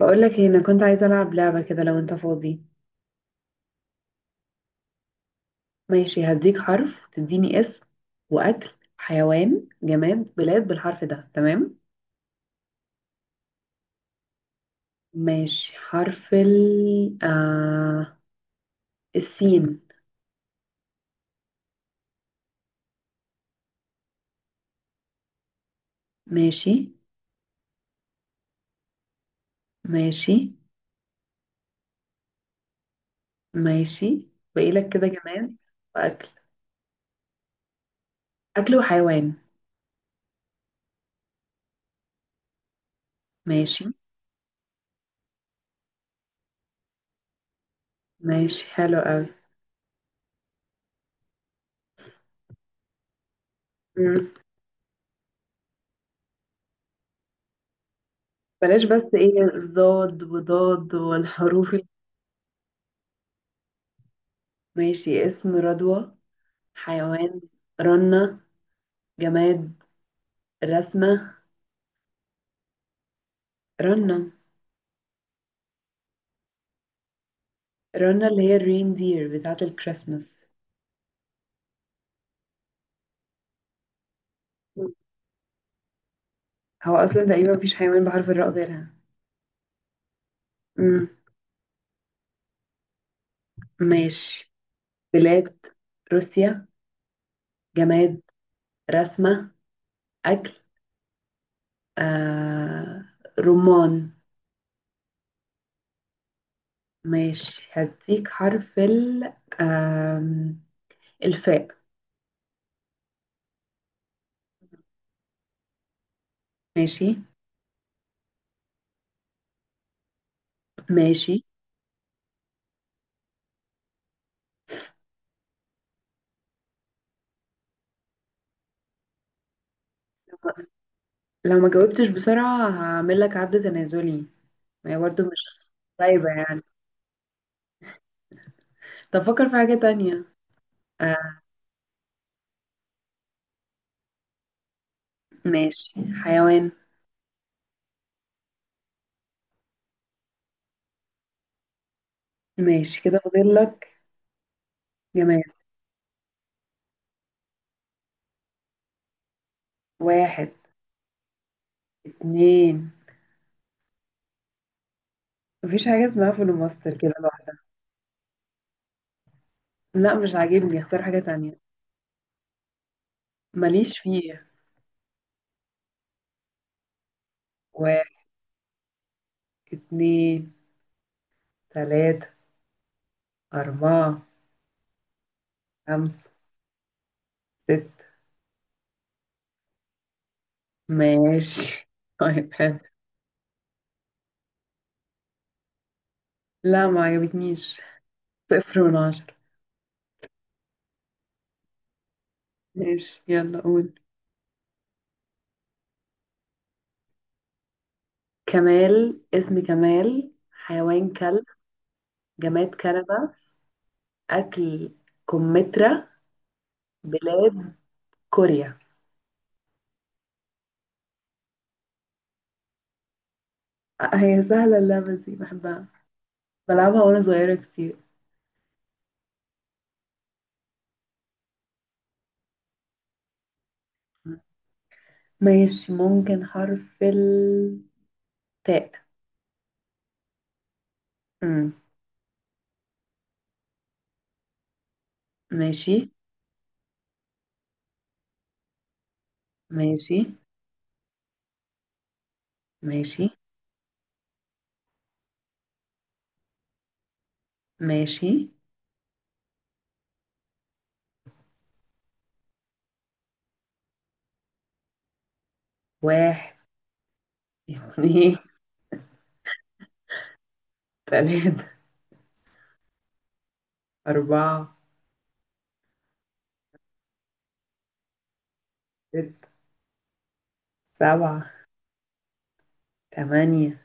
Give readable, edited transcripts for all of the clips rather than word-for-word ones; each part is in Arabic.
بقولك إيه، انا كنت عايزه العب لعبه كده لو انت فاضي. ماشي، هديك حرف تديني اسم واكل حيوان جماد بلاد بالحرف ده. تمام. ماشي، حرف ال السين. ماشي. ماشي. ماشي. باقي لك كده جماد واكل. اكل وحيوان. ماشي. ماشي، حلو قوي. مم. بلاش، بس ايه الضاد وضاد والحروف ماشي، اسم رضوى. حيوان رنة. جماد رسمة. رنة. رنة اللي هي الرين دير بتاعة الكريسماس. مم. هو أصلا تقريبا مفيش حيوان بحرف الراء غيرها. مم. ماشي. بلاد روسيا. جماد رسمة. أكل آه... رمان. ماشي، هديك حرف ال آم، الفاء. ماشي. ماشي. لو ما جاوبتش بسرعة هعمل لك عد تنازلي. ما هي برضه مش طيبة يعني. طب فكر في حاجة تانية. آه، ماشي. حيوان. ماشي كده، فاضل لك جماد. واحد. اتنين. مفيش حاجة اسمها فول وماستر كده لوحدها. لا مش عاجبني، اختار حاجة تانية. ماليش فيه. واحد. اتنين. تلاتة. أربعة. خمسة. ستة. ماشي، طيب حلو. لا ما عجبتنيش. صفر من عشرة. ماشي، يلا قول. كمال. اسم كمال. حيوان كلب. جماد كنبة. أكل كمثرى. بلاد كوريا. آه، هي سهلة اللعبة دي، بحبها بلعبها وانا صغيرة كتير. ماشي، ممكن حرف التاء. أمم، ماشي. ماشي. ماشي. ماشي. واحد. اتنين. تلاتة. أربعة. ستة. سبعة. تمانية.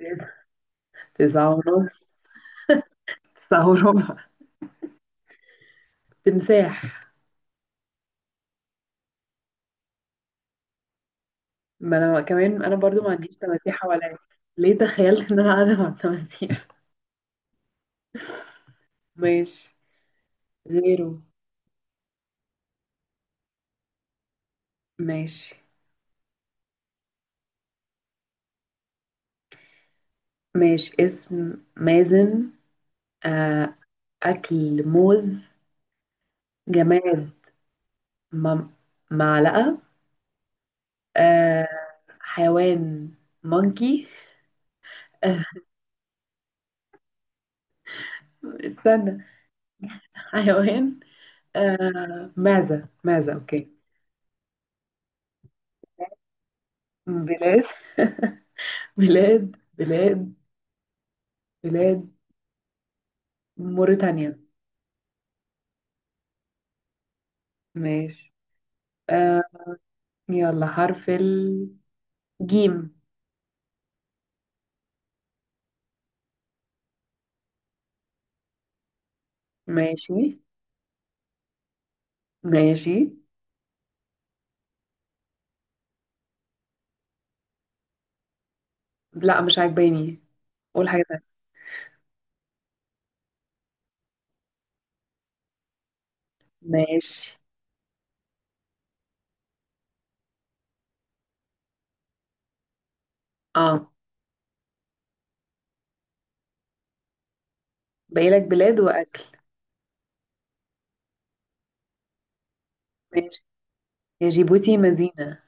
تسعة. تسعة ونص. تسعة وربع. تمساح. ما أنا كمان أنا برضو ما عنديش تماسيح حواليا. ليه تخيلت إن أنا قاعدة مع التماسيح؟ ماشي. زيرو. ماشي. ماشي، اسم مازن. آه. أكل موز. جماد م- معلقة. آه. حيوان مونكي. آه. استنى. حيوان. آه، معزة. معزة أوكي. بلاد. بلاد. بلاد. بلاد موريتانيا. ماشي. آه. يلا، حرف الجيم. ماشي. ماشي. لا مش عاجباني، قول حاجة تانية. ماشي. اه، باقي لك بلاد وأكل. ماشي، هي جيبوتي مدينة،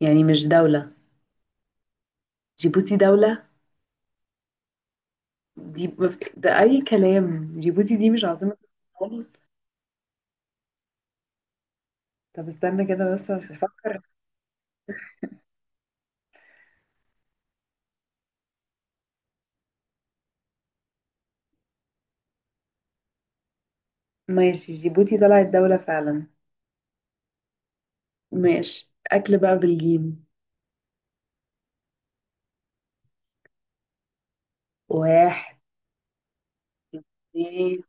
يعني مش دولة. جيبوتي دولة. دي ده أي كلام، جيبوتي دي مش عاصمة الصومال. طب استنى كده بس عشان أفكر. ماشي، جيبوتي طلعت دولة فعلا. ماشي، أكل بقى بالجيم. واحد. اتنين.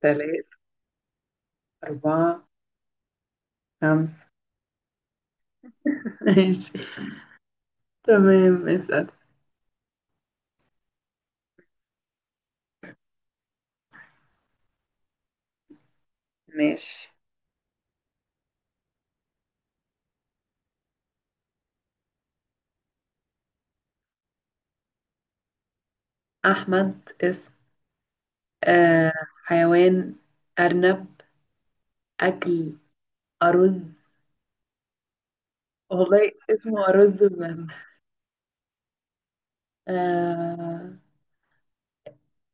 تلاتة. أربعة. خمسة. ماشي. تمام، اسأل. ماشي. أحمد اسم. آه. حيوان أرنب. أكل أرز. والله اسمه أرز بجد. آه.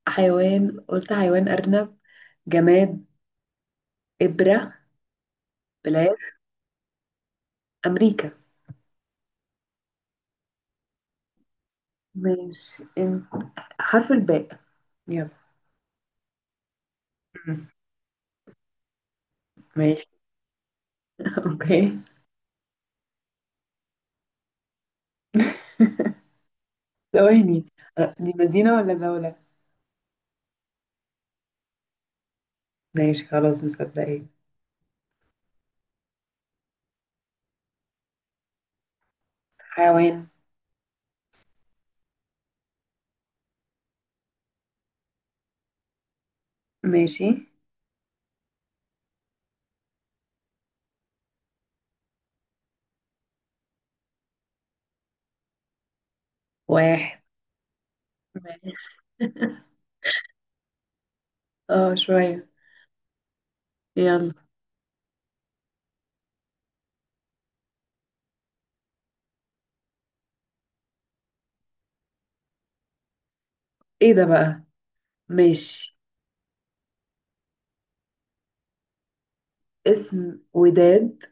حيوان، قلت حيوان أرنب. جماد إبرة. بلاد أمريكا. ماشي انت، حرف الباء، يلا. مم. ماشي. اوكي. ثواني، أه، دي مدينة ولا دولة؟ ماشي، خلاص مصدقين. حيوان. ماشي. واحد. ماشي. اه شوية. يلا. ايه ده بقى؟ ماشي، اسم وداد.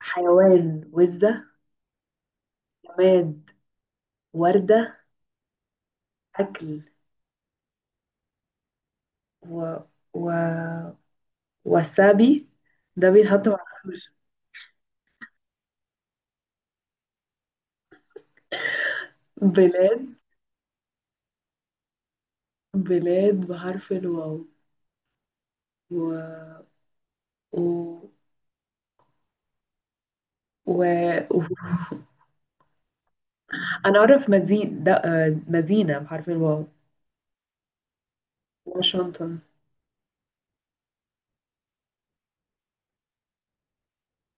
حيوان وزة. جماد وردة. أكل و... و... وسابي، ده بيتحط مع السوشي. بلاد. بلاد بحرف الواو. و... و... و... و... انا اعرف مدينة آه، مدينة بحرف الواو. واشنطن.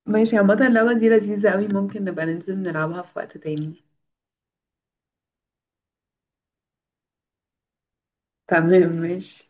ماشي، عامة اللعبة دي لذيذة قوي، ممكن نبقى ننزل نلعبها في وقت تاني. تمام، ماشي.